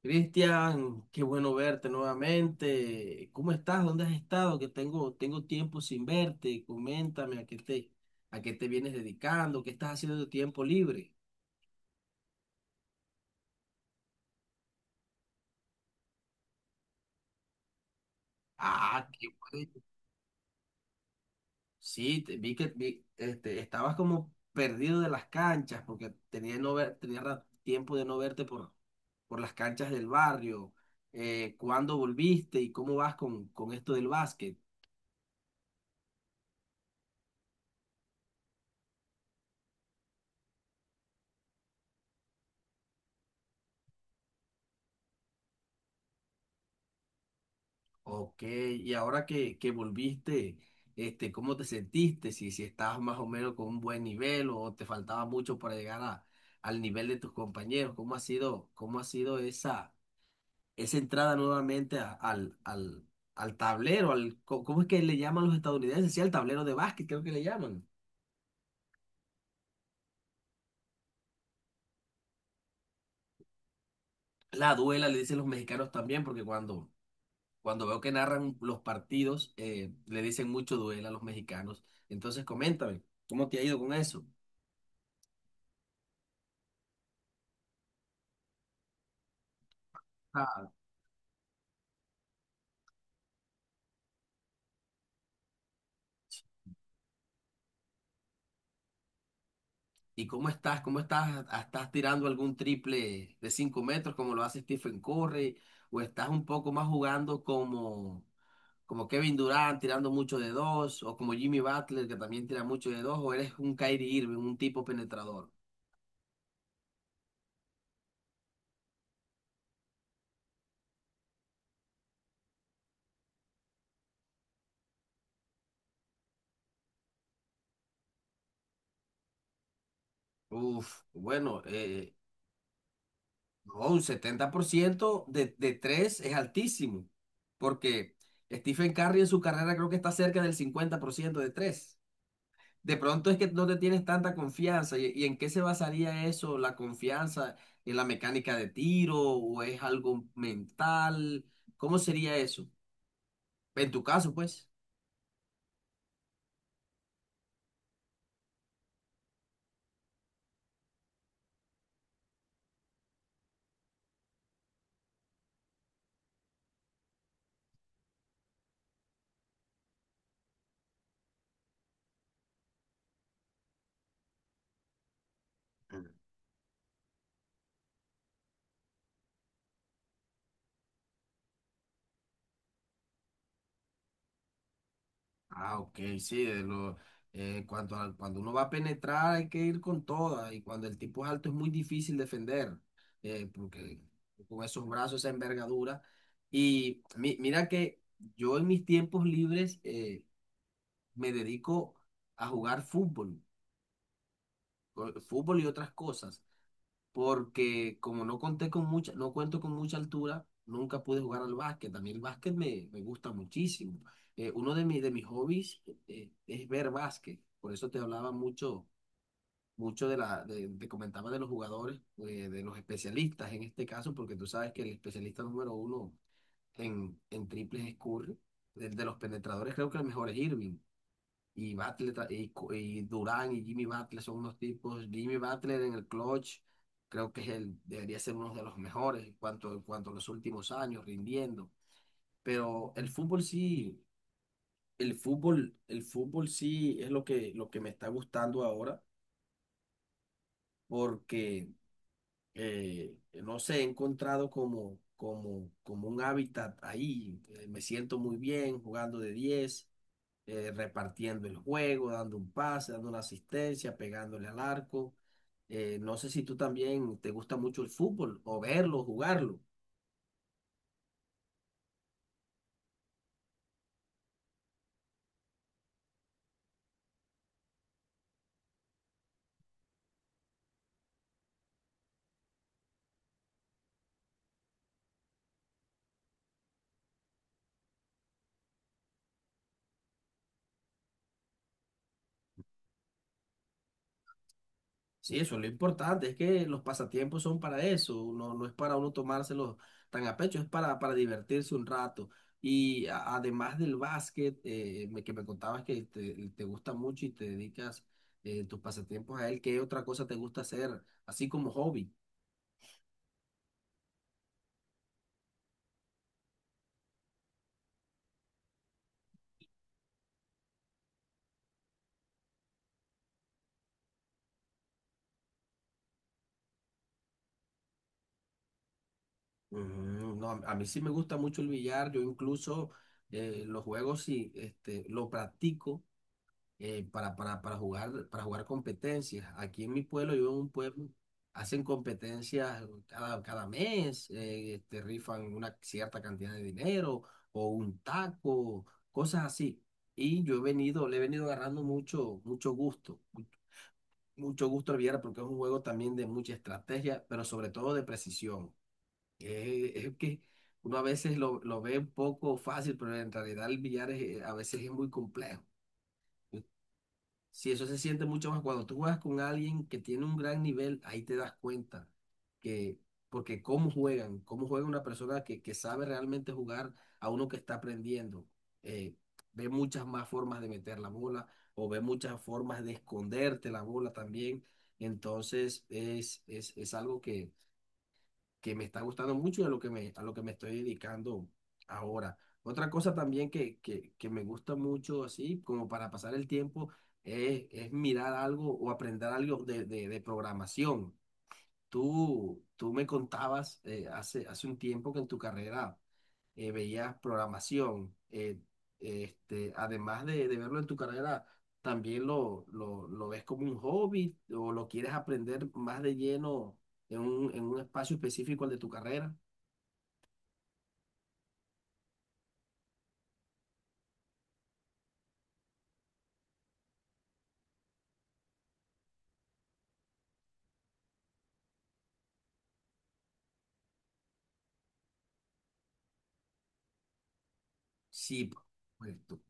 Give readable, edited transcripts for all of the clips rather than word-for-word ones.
Cristian, qué bueno verte nuevamente. ¿Cómo estás? ¿Dónde has estado? Que tengo tiempo sin verte. Coméntame a qué te vienes dedicando, qué estás haciendo de tu tiempo libre. Ah, qué bueno. Sí, vi que estabas como perdido de las canchas porque tenía, no ver, tenía ra- tiempo de no verte por las canchas del barrio. ¿Cuándo volviste y cómo vas con esto del básquet? Ok, y ahora que volviste, ¿cómo te sentiste? Si estabas más o menos con un buen nivel o te faltaba mucho para llegar al nivel de tus compañeros, cómo ha sido esa entrada nuevamente al tablero? ¿Cómo es que le llaman los estadounidenses? Sí, al tablero de básquet, creo que le llaman. La duela le dicen los mexicanos también, porque cuando veo que narran los partidos, le dicen mucho duela a los mexicanos. Entonces, coméntame, ¿cómo te ha ido con eso? Ah, ¿Y cómo estás? ¿Cómo estás? ¿Estás tirando algún triple de 5 metros como lo hace Stephen Curry? ¿O estás un poco más jugando como Kevin Durant tirando mucho de dos? ¿O como Jimmy Butler que también tira mucho de dos? ¿O eres un Kyrie Irving, un tipo penetrador? Uf, bueno, no, un 70% de 3 es altísimo porque Stephen Curry en su carrera creo que está cerca del 50% de 3. De pronto es que no te tienes tanta confianza. ¿Y en qué se basaría eso? ¿La confianza en la mecánica de tiro o es algo mental? ¿Cómo sería eso? En tu caso, pues. Ah, ok, sí. de lo, cuanto a- Cuando uno va a penetrar hay que ir con toda. Y cuando el tipo es alto es muy difícil defender. Porque con esos brazos, esa envergadura. Y mira que yo en mis tiempos libres me dedico a jugar fútbol. Fútbol y otras cosas, porque como no conté con no cuento con mucha altura, nunca pude jugar al básquet. A mí el básquet me gusta muchísimo. Uno de mis hobbies es ver básquet, por eso te hablaba mucho, mucho te comentaba de los jugadores, de los especialistas en este caso, porque tú sabes que el especialista número uno en triples es Curry, el de los penetradores creo que el mejor es Irving. Y Butler ta- y, Co- Y Durán y Jimmy Butler son unos tipos. Jimmy Butler en el clutch creo que debería ser uno de los mejores en cuanto a los últimos años, rindiendo. Pero el fútbol sí es lo que me está gustando ahora, porque no sé, he encontrado como un hábitat ahí. Me siento muy bien jugando de 10, repartiendo el juego, dando un pase, dando una asistencia, pegándole al arco. No sé si tú también te gusta mucho el fútbol o verlo, jugarlo. Sí, eso es lo importante, es que los pasatiempos son para eso, no, no es para uno tomárselos tan a pecho, es para divertirse un rato. Y además del básquet, que me contabas que te gusta mucho y te dedicas tus pasatiempos a él, ¿qué otra cosa te gusta hacer, así como hobby? Mm, no, a mí sí me gusta mucho el billar, yo incluso los juegos sí, este, lo practico para jugar competencias. Aquí en mi pueblo, yo vivo en un pueblo, hacen competencias cada mes, rifan una cierta cantidad de dinero o un taco, cosas así. Y le he venido agarrando mucho, mucho gusto al billar porque es un juego también de mucha estrategia, pero sobre todo de precisión. Es que uno a veces lo ve un poco fácil, pero en realidad el billar a veces es muy complejo. Si eso se siente mucho más cuando tú juegas con alguien que tiene un gran nivel, ahí te das cuenta que, porque cómo juega una persona que sabe realmente jugar a uno que está aprendiendo. Eh, ve muchas más formas de meter la bola o ve muchas formas de esconderte la bola también. Entonces es algo que me está gustando mucho y a lo que me estoy dedicando ahora. Otra cosa también que me gusta mucho, así como para pasar el tiempo, es mirar algo o aprender algo de programación. Tú me contabas hace un tiempo que en tu carrera veías programación. Además de verlo en tu carrera, ¿también lo ves como un hobby o lo quieres aprender más de lleno en un espacio específico al de tu carrera? Sí, por supuesto.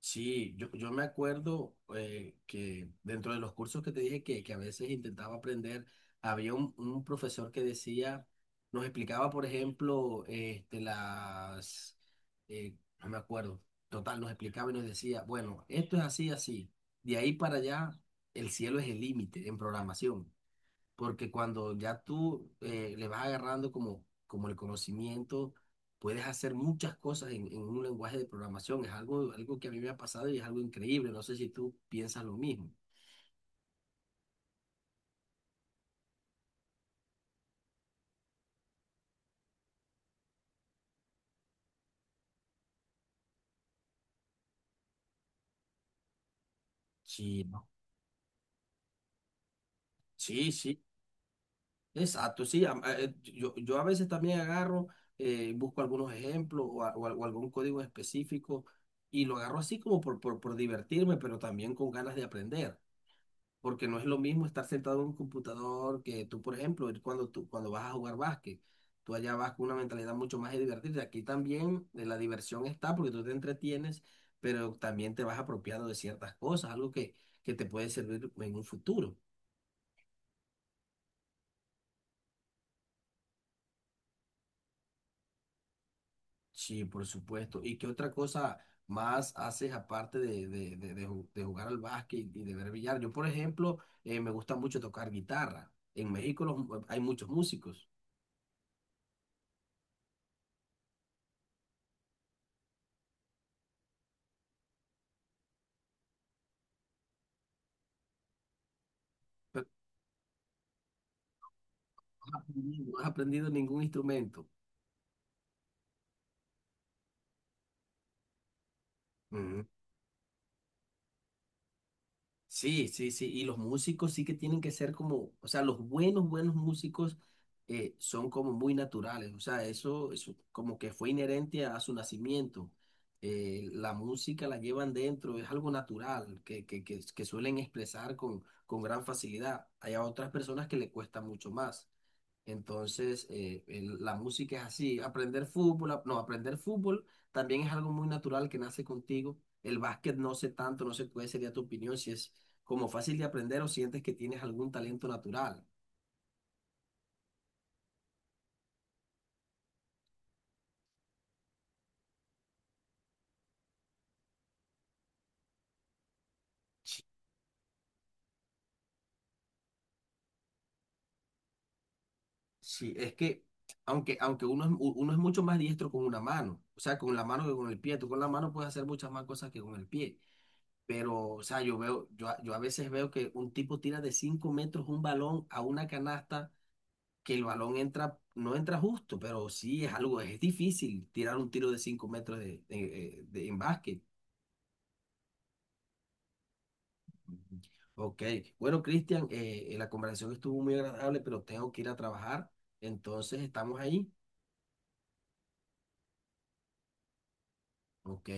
Sí, yo me acuerdo que dentro de los cursos que te dije que a veces intentaba aprender, había un profesor que decía, nos explicaba, por ejemplo, eh, no me acuerdo, total, nos explicaba y nos decía, bueno, esto es así, así, de ahí para allá, el cielo es el límite en programación porque cuando ya tú le vas agarrando como el conocimiento, puedes hacer muchas cosas en un lenguaje de programación. Es algo que a mí me ha pasado y es algo increíble. No sé si tú piensas lo mismo. Sí, no. Sí, sí, exacto, sí. Yo a veces también agarro, busco algunos ejemplos o algún código específico y lo agarro así como por divertirme, pero también con ganas de aprender. Porque no es lo mismo estar sentado en un computador que tú, por ejemplo, cuando vas a jugar básquet, tú allá vas con una mentalidad mucho más de divertirte. Aquí también la diversión está porque tú te entretienes, pero también te vas apropiando de ciertas cosas, algo que te puede servir en un futuro. Sí, por supuesto. ¿Y qué otra cosa más haces aparte de jugar al básquet y de ver billar? Yo, por ejemplo, me gusta mucho tocar guitarra. En México hay muchos músicos, pero no has aprendido ningún instrumento. Ujú. Sí, sí, sí. Y los músicos sí que tienen que ser o sea, los buenos, buenos músicos son como muy naturales. O sea, eso como que fue inherente a su nacimiento. La música la llevan dentro, es algo natural que suelen expresar con gran facilidad. Hay a otras personas que le cuesta mucho más. Entonces, la música es así. Aprender fútbol, ap- no, aprender fútbol también es algo muy natural que nace contigo. El básquet no sé tanto, no sé cuál sería tu opinión, si es como fácil de aprender o sientes que tienes algún talento natural. Sí, es que, aunque uno es mucho más diestro con una mano, o sea, con la mano que con el pie. Tú con la mano puedes hacer muchas más cosas que con el pie. Pero, o sea, yo a veces veo que un tipo tira de 5 metros un balón a una canasta que el balón entra, no entra justo, pero sí es algo, es difícil tirar un tiro de 5 metros en básquet. Ok, bueno, Cristian, la conversación estuvo muy agradable, pero tengo que ir a trabajar, entonces estamos ahí. Ok.